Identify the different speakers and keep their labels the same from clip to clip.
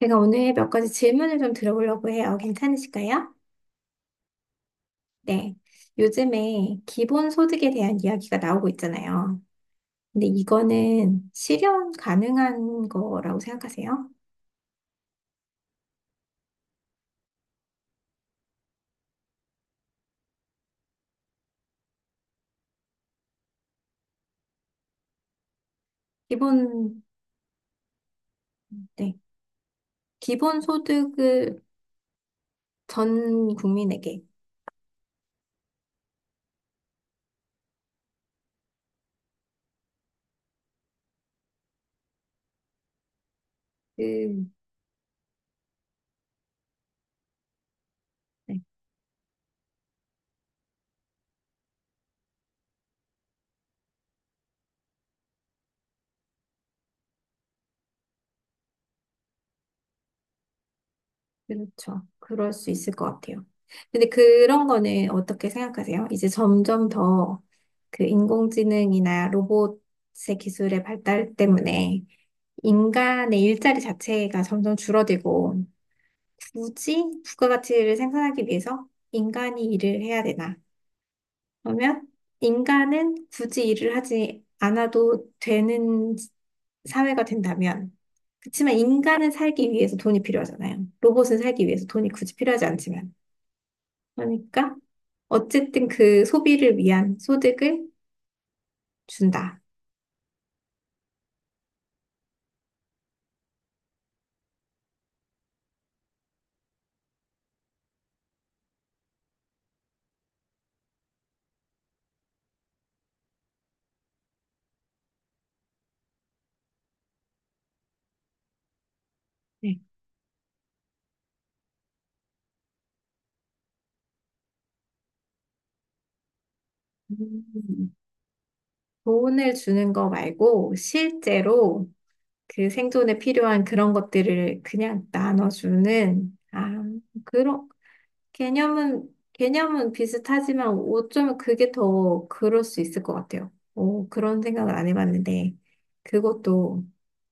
Speaker 1: 제가 오늘 몇 가지 질문을 좀 들어보려고 해요. 괜찮으실까요? 네. 요즘에 기본소득에 대한 이야기가 나오고 있잖아요. 근데 이거는 실현 가능한 거라고 생각하세요? 기본, 네. 기본소득을 전 국민에게. 그, 네. 그렇죠. 그럴 수 있을 것 같아요. 근데 그런 거는 어떻게 생각하세요? 이제 점점 더 그 인공지능이나 로봇의 기술의 발달 때문에 인간의 일자리 자체가 점점 줄어들고 굳이 부가가치를 생산하기 위해서 인간이 일을 해야 되나? 그러면 인간은 굳이 일을 하지 않아도 되는 사회가 된다면 그렇지만 인간은 살기 위해서 돈이 필요하잖아요. 로봇은 살기 위해서 돈이 굳이 필요하지 않지만 그러니까 어쨌든 그 소비를 위한 소득을 준다. 네. 음. 돈을 주는 거 말고 실제로 그 생존에 필요한 그런 것들을 그냥 나눠주는, 아, 그런, 개념은 비슷하지만 어쩌면 그게 더 그럴 수 있을 것 같아요. 오, 그런 생각을 안 해봤는데, 그것도,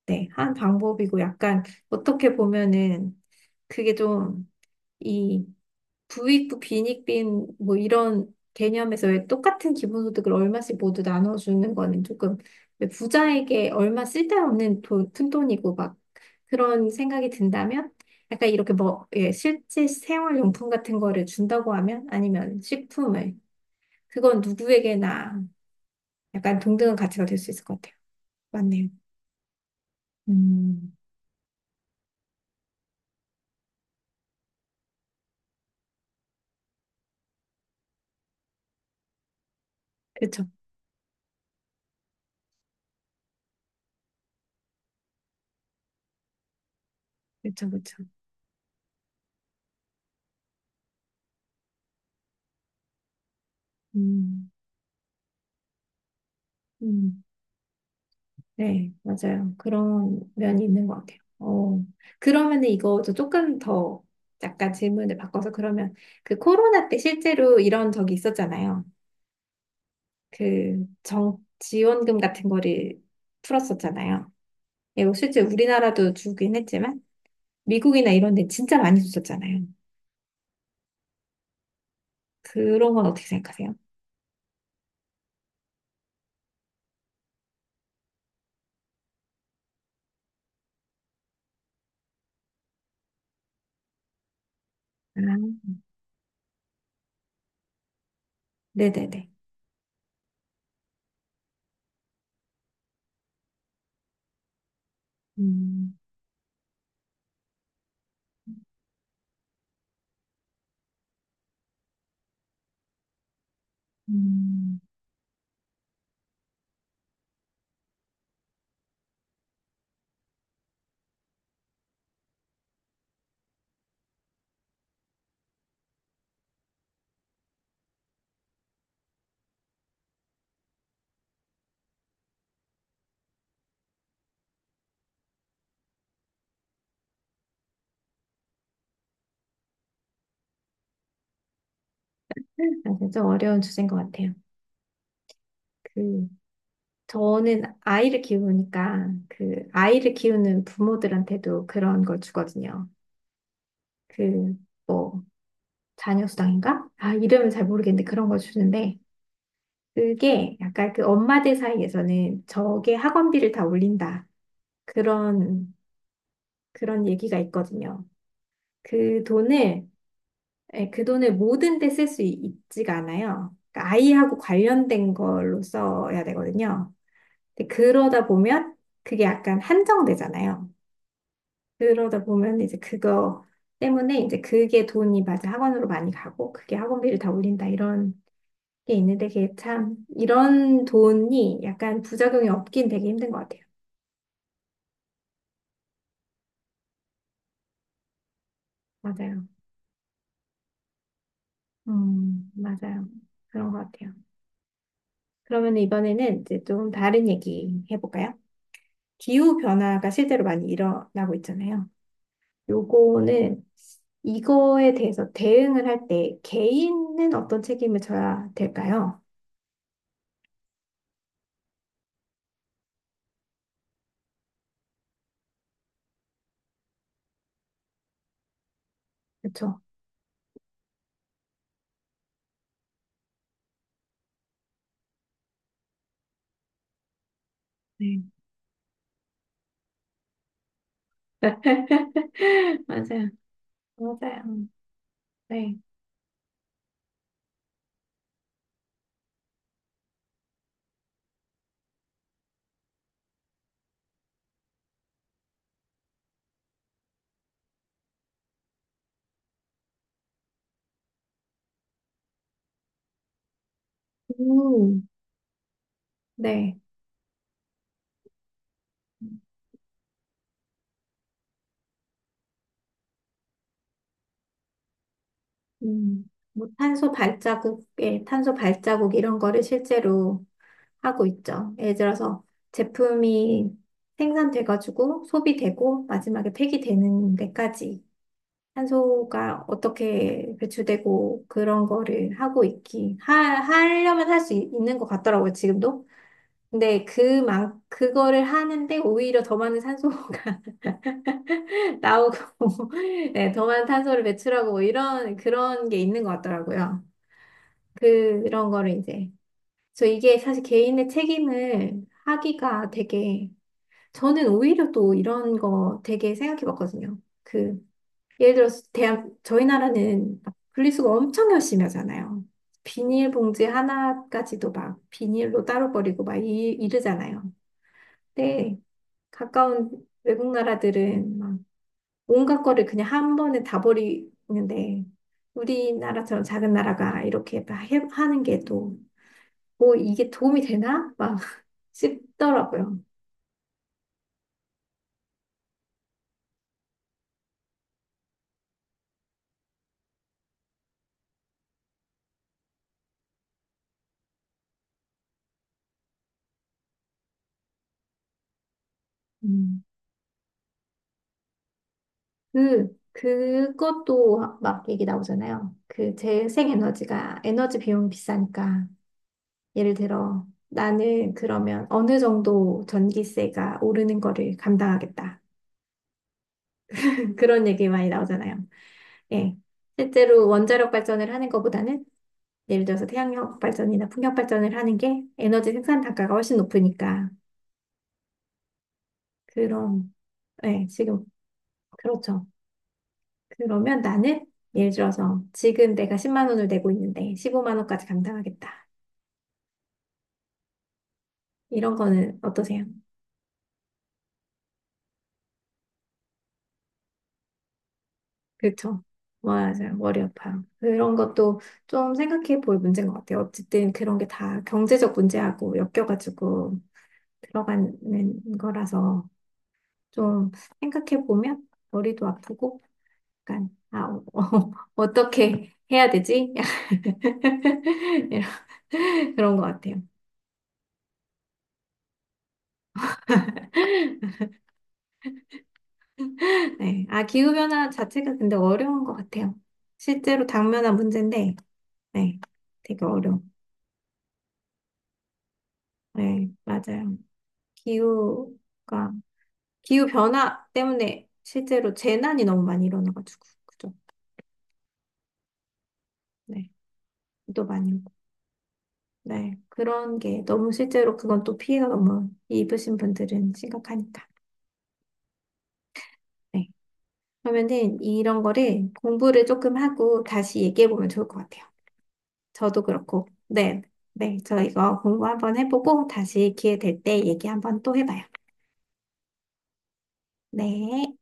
Speaker 1: 네, 한 방법이고 약간 어떻게 보면은 그게 좀 이 부익부 빈익빈 뭐 이런 개념에서 왜 똑같은 기본소득을 얼마씩 모두 나눠주는 거는 조금 왜 부자에게 얼마 쓸데없는 돈, 푼돈이고 막 그런 생각이 든다면 약간 이렇게 뭐 예, 실제 생활용품 같은 거를 준다고 하면 아니면 식품을 그건 누구에게나 약간 동등한 가치가 될 수 있을 것 같아요. 맞네요. 음, 그쵸, 그쵸, 그쵸. 음, 음. 네, 맞아요. 그런 면이 있는 것 같아요. 어, 그러면은 이거 저 조금 더 약간 질문을 바꿔서 그러면 그 코로나 때 실제로 이런 적이 있었잖아요. 그 지원금 같은 거를 풀었었잖아요. 이거 실제 우리나라도 주긴 했지만 미국이나 이런 데 진짜 많이 줬었잖아요. 그런 건 어떻게 생각하세요? 아, 네네네. 음, 음, 아, 좀 어려운 주제인 것 같아요. 그, 저는 아이를 키우니까 그 아이를 키우는 부모들한테도 그런 걸 주거든요. 그 뭐 자녀 수당인가? 아 이름은 잘 모르겠는데 그런 걸 주는데 그게 약간 그 엄마들 사이에서는 저게 학원비를 다 올린다 그런 그런 얘기가 있거든요. 그 돈을 예, 그 돈을 모든 데 쓸 수 있지가 않아요. 그러니까 아이하고 관련된 걸로 써야 되거든요. 근데 그러다 보면 그게 약간 한정되잖아요. 그러다 보면 이제 그거 때문에 이제 그게 돈이 맞아 학원으로 많이 가고 그게 학원비를 다 올린다 이런 게 있는데 그게 참 이런 돈이 약간 부작용이 없긴 되게 힘든 것 같아요. 맞아요. 맞아요. 그런 것 같아요. 그러면 이번에는 이제 좀 다른 얘기 해볼까요? 기후 변화가 실제로 많이 일어나고 있잖아요. 요거는 이거에 대해서 대응을 할 때 개인은 어떤 책임을 져야 될까요? 그렇죠. 맞아요. 맞아요. 네. 음, 네. 음, 뭐 탄소 발자국, 예, 탄소 발자국 이런 거를 실제로 하고 있죠. 예를 들어서 제품이 생산돼가지고 소비되고 마지막에 폐기되는 데까지 탄소가 어떻게 배출되고 그런 거를 하고 있기, 하려면 할 수 있는 것 같더라고요, 지금도. 근데 그거를 하는데 오히려 더 많은 산소가 나오고 네, 더 많은 탄소를 배출하고 뭐 이런 그런 게 있는 것 같더라고요. 그런 거를 이제 저 이게 사실 개인의 책임을 하기가 되게 저는 오히려 또 이런 거 되게 생각해 봤거든요. 그 예를 들어서 대한 저희 나라는 막 분리수거 엄청 열심히 하잖아요. 비닐봉지 하나까지도 막 비닐로 따로 버리고 막 이러잖아요. 근데 가까운 외국 나라들은 막 온갖 거를 그냥 한 번에 다 버리는데 우리나라처럼 작은 나라가 이렇게 막 하는 게 또 뭐 이게 도움이 되나? 막 싶더라고요. 음. 그것도 막 얘기 나오잖아요. 그 재생에너지가 에너지 비용이 비싸니까 예를 들어 나는 그러면 어느 정도 전기세가 오르는 거를 감당하겠다. 그런 얘기 많이 나오잖아요. 예. 실제로 원자력 발전을 하는 것보다는 예를 들어서 태양력 발전이나 풍력 발전을 하는 게 에너지 생산 단가가 훨씬 높으니까. 그럼, 네, 지금, 그렇죠. 그러면 나는 예를 들어서 지금 내가 10만 원을 내고 있는데 15만 원까지 감당하겠다. 이런 거는 어떠세요? 그렇죠. 맞아요. 머리 아파요. 그런 것도 좀 생각해 볼 문제인 것 같아요. 어쨌든 그런 게 다 경제적 문제하고 엮여가지고 들어가는 거라서 좀 생각해 보면 머리도 아프고 약간, 아, 어, 어, 떻게 해야 되지? 이런, 그런 것 같아요. 네. 아, 기후변화 자체가 근데 어려운 것 같아요. 실제로 당면한 문제인데, 네. 되게 어려워. 네, 맞아요. 기후가, 기후변화 때문에 실제로 재난이 너무 많이 일어나가지고, 그죠? 네. 또 많이 오고. 네. 그런 게 너무 실제로 그건 또 피해가 너무 입으신 분들은 심각하니까. 네. 그러면은 이런 거를 공부를 조금 하고 다시 얘기해 보면 좋을 것 같아요. 저도 그렇고. 네. 네. 저 이거 공부 한번 해보고 다시 기회 될 때 얘기 한번 또 해봐요. 네.